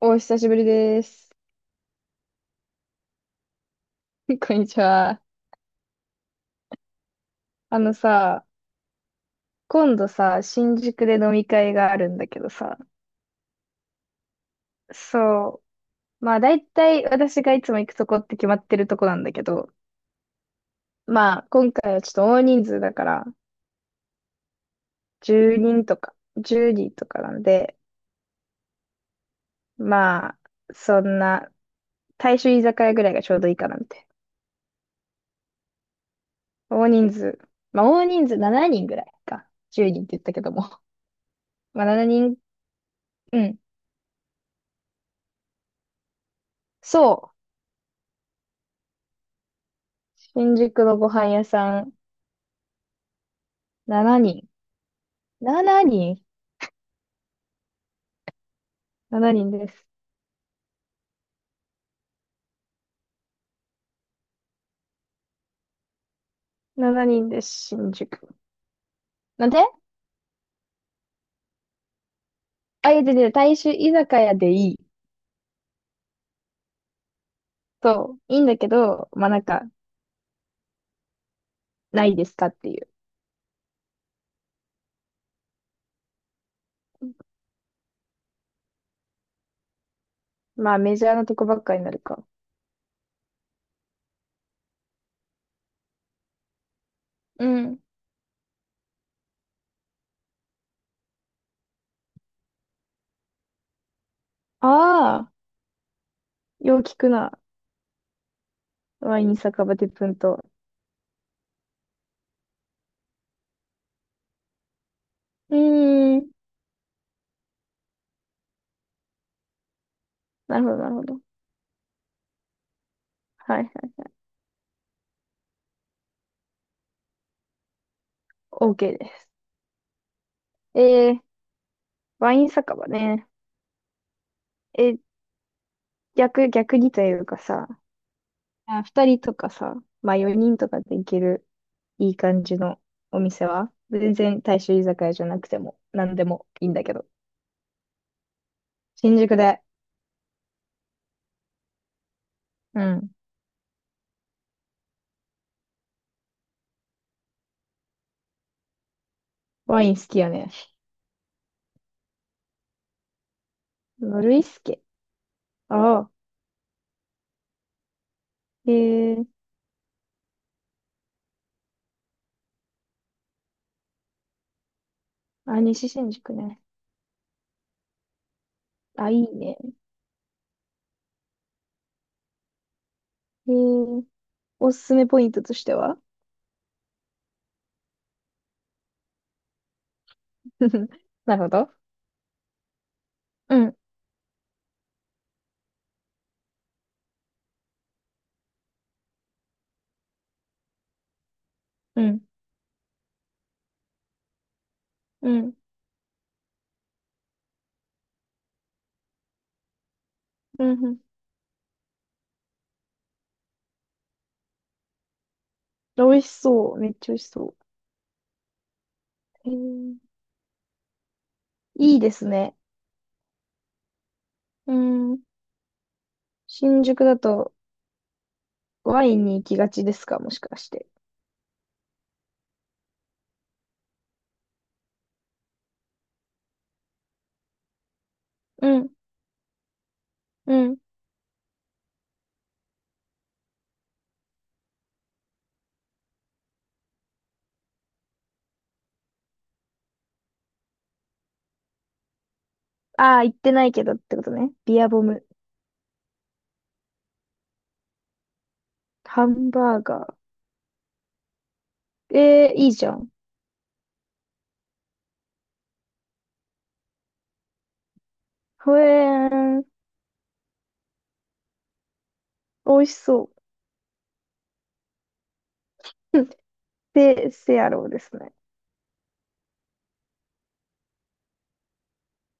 お久しぶりです。こんにちは。あのさ、今度さ、新宿で飲み会があるんだけどさ、そう、まあ大体私がいつも行くとこって決まってるとこなんだけど、まあ今回はちょっと大人数だから、10人とか、10人とかなんで、まあ、そんな、大衆居酒屋ぐらいがちょうどいいかなみたいな。大人数、まあ大人数7人ぐらいか。10人って言ったけども。まあ7人、うん。そう。新宿のご飯屋さん。7人。7人 ?7 人です。7人です、新宿。なんで、あ、いや、で、大衆居酒屋でいい。そう、いいんだけど、まあ、なんか、ないですかっていう。まあ、メジャーなとこばっかになるか。うん。ああ、よう聞くな。ワイン酒場でプンと。うーん。なるほど、なるほど。はいはい。OK です。えー、ワイン酒場ね。え、逆にというかさ、あ、2人とかさ、まあ4人とかで行けるいい感じのお店は、全然大衆居酒屋じゃなくても何でもいいんだけど。新宿で。うん。ワイン好きよね。ノルイスケ。ああ。へえ。あ、西新宿ね。あ、いいね。へえ。おすすめポイントとしては？ なるほど。うん、うん、うん、うん。うん。美味しそう。めっちゃ美味しそう。へえ。いいですね。うん。新宿だとワインに行きがちですか、もしかして。うん、うん。ああ、行ってないけどってことね。ビアボム。ハンバーガー。いいじゃん。ほえーん。美味しそう。せやろうですね。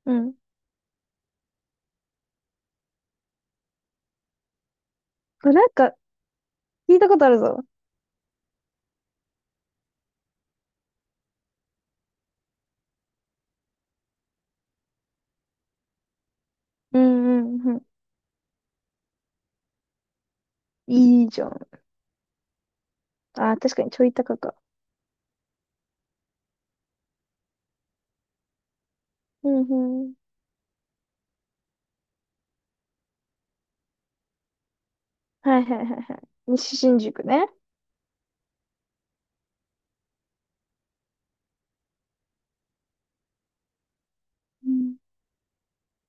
うん。あ、なんか、聞いたことあるぞ。うん、うん、うん。いいじゃん。あー、確かにちょい高か。うんうん。はいはいはいはい。西新宿ね。うん。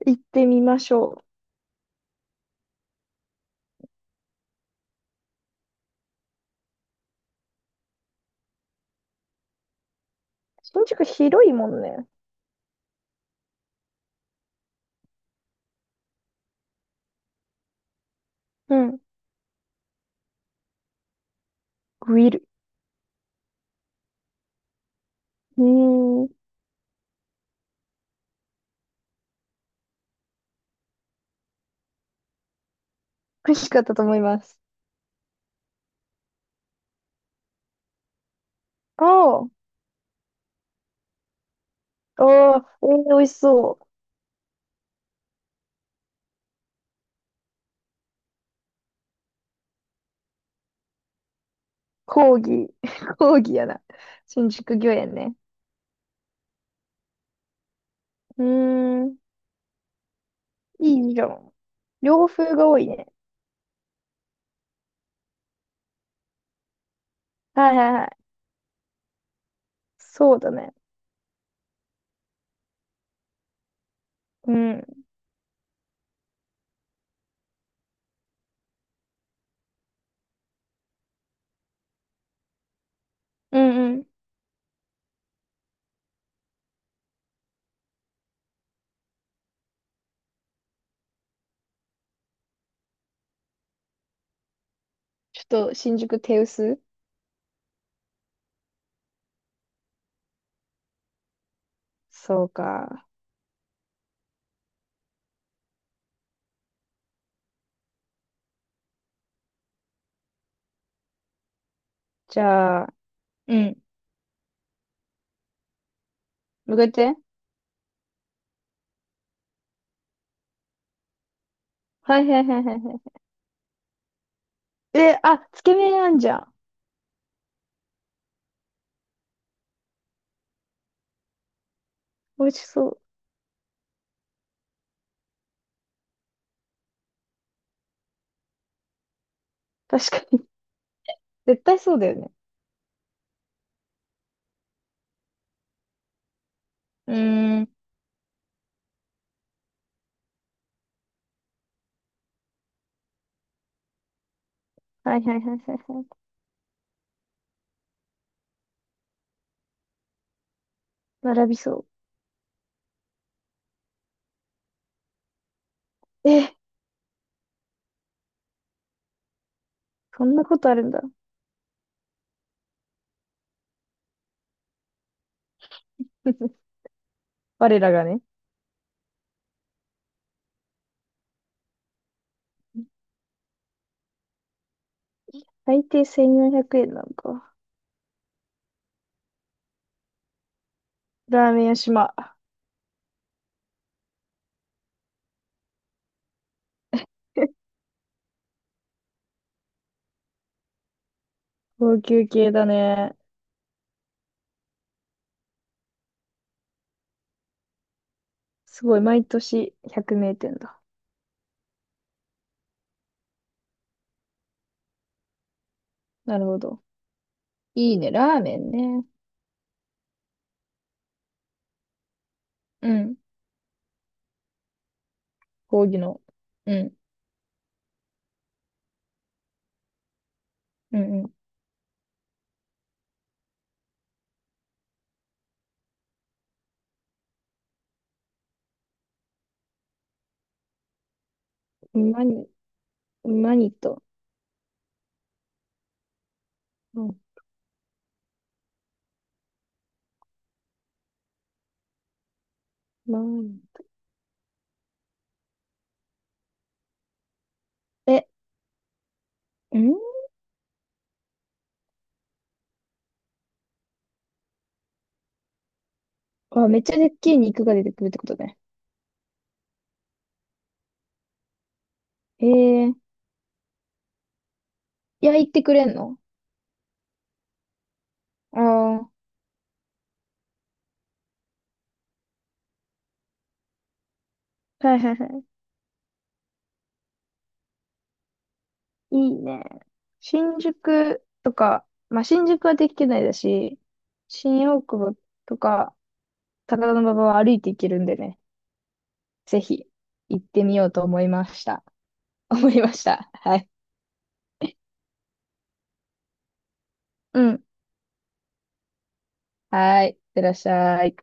行ってみましょう。新宿広いもんね。うん。グリル。うーん。美味しかったと思います。おー。おー、美味しそう。講義、講義やな。新宿御苑ね。うーん、いいじゃん。洋風が多いね。はいはいはい。そうだね。うん、うんうん。ちょっと新宿手薄そうか。じゃあ、うん。向かって。はいはいはいはいはい。え、あ、つけ麺あんじゃん。美味しそう。確かに。絶対そうだよね。うーん。はいはいはいはいはい。並びそう。え、そんなことあるんだ。我らがね。最低1400円なのか。ラーメン屋島。高級系だね。すごい、毎年100名店だ。なるほど。いいね、ラーメンね。うん。講義の。うん。うんうん。マニと。うん。マニと。え、うん、あ、めっちゃでっけえ肉が出てくるってことね。ええ。焼いてくれんの？ああー。はいはいはい。いいね。新宿とか、まあ、新宿はできないだし、新大久保とか、高田馬場は歩いて行けるんでね。ぜひ行ってみようと思いました。思いました。はい。うん。はい。いってらっしゃい。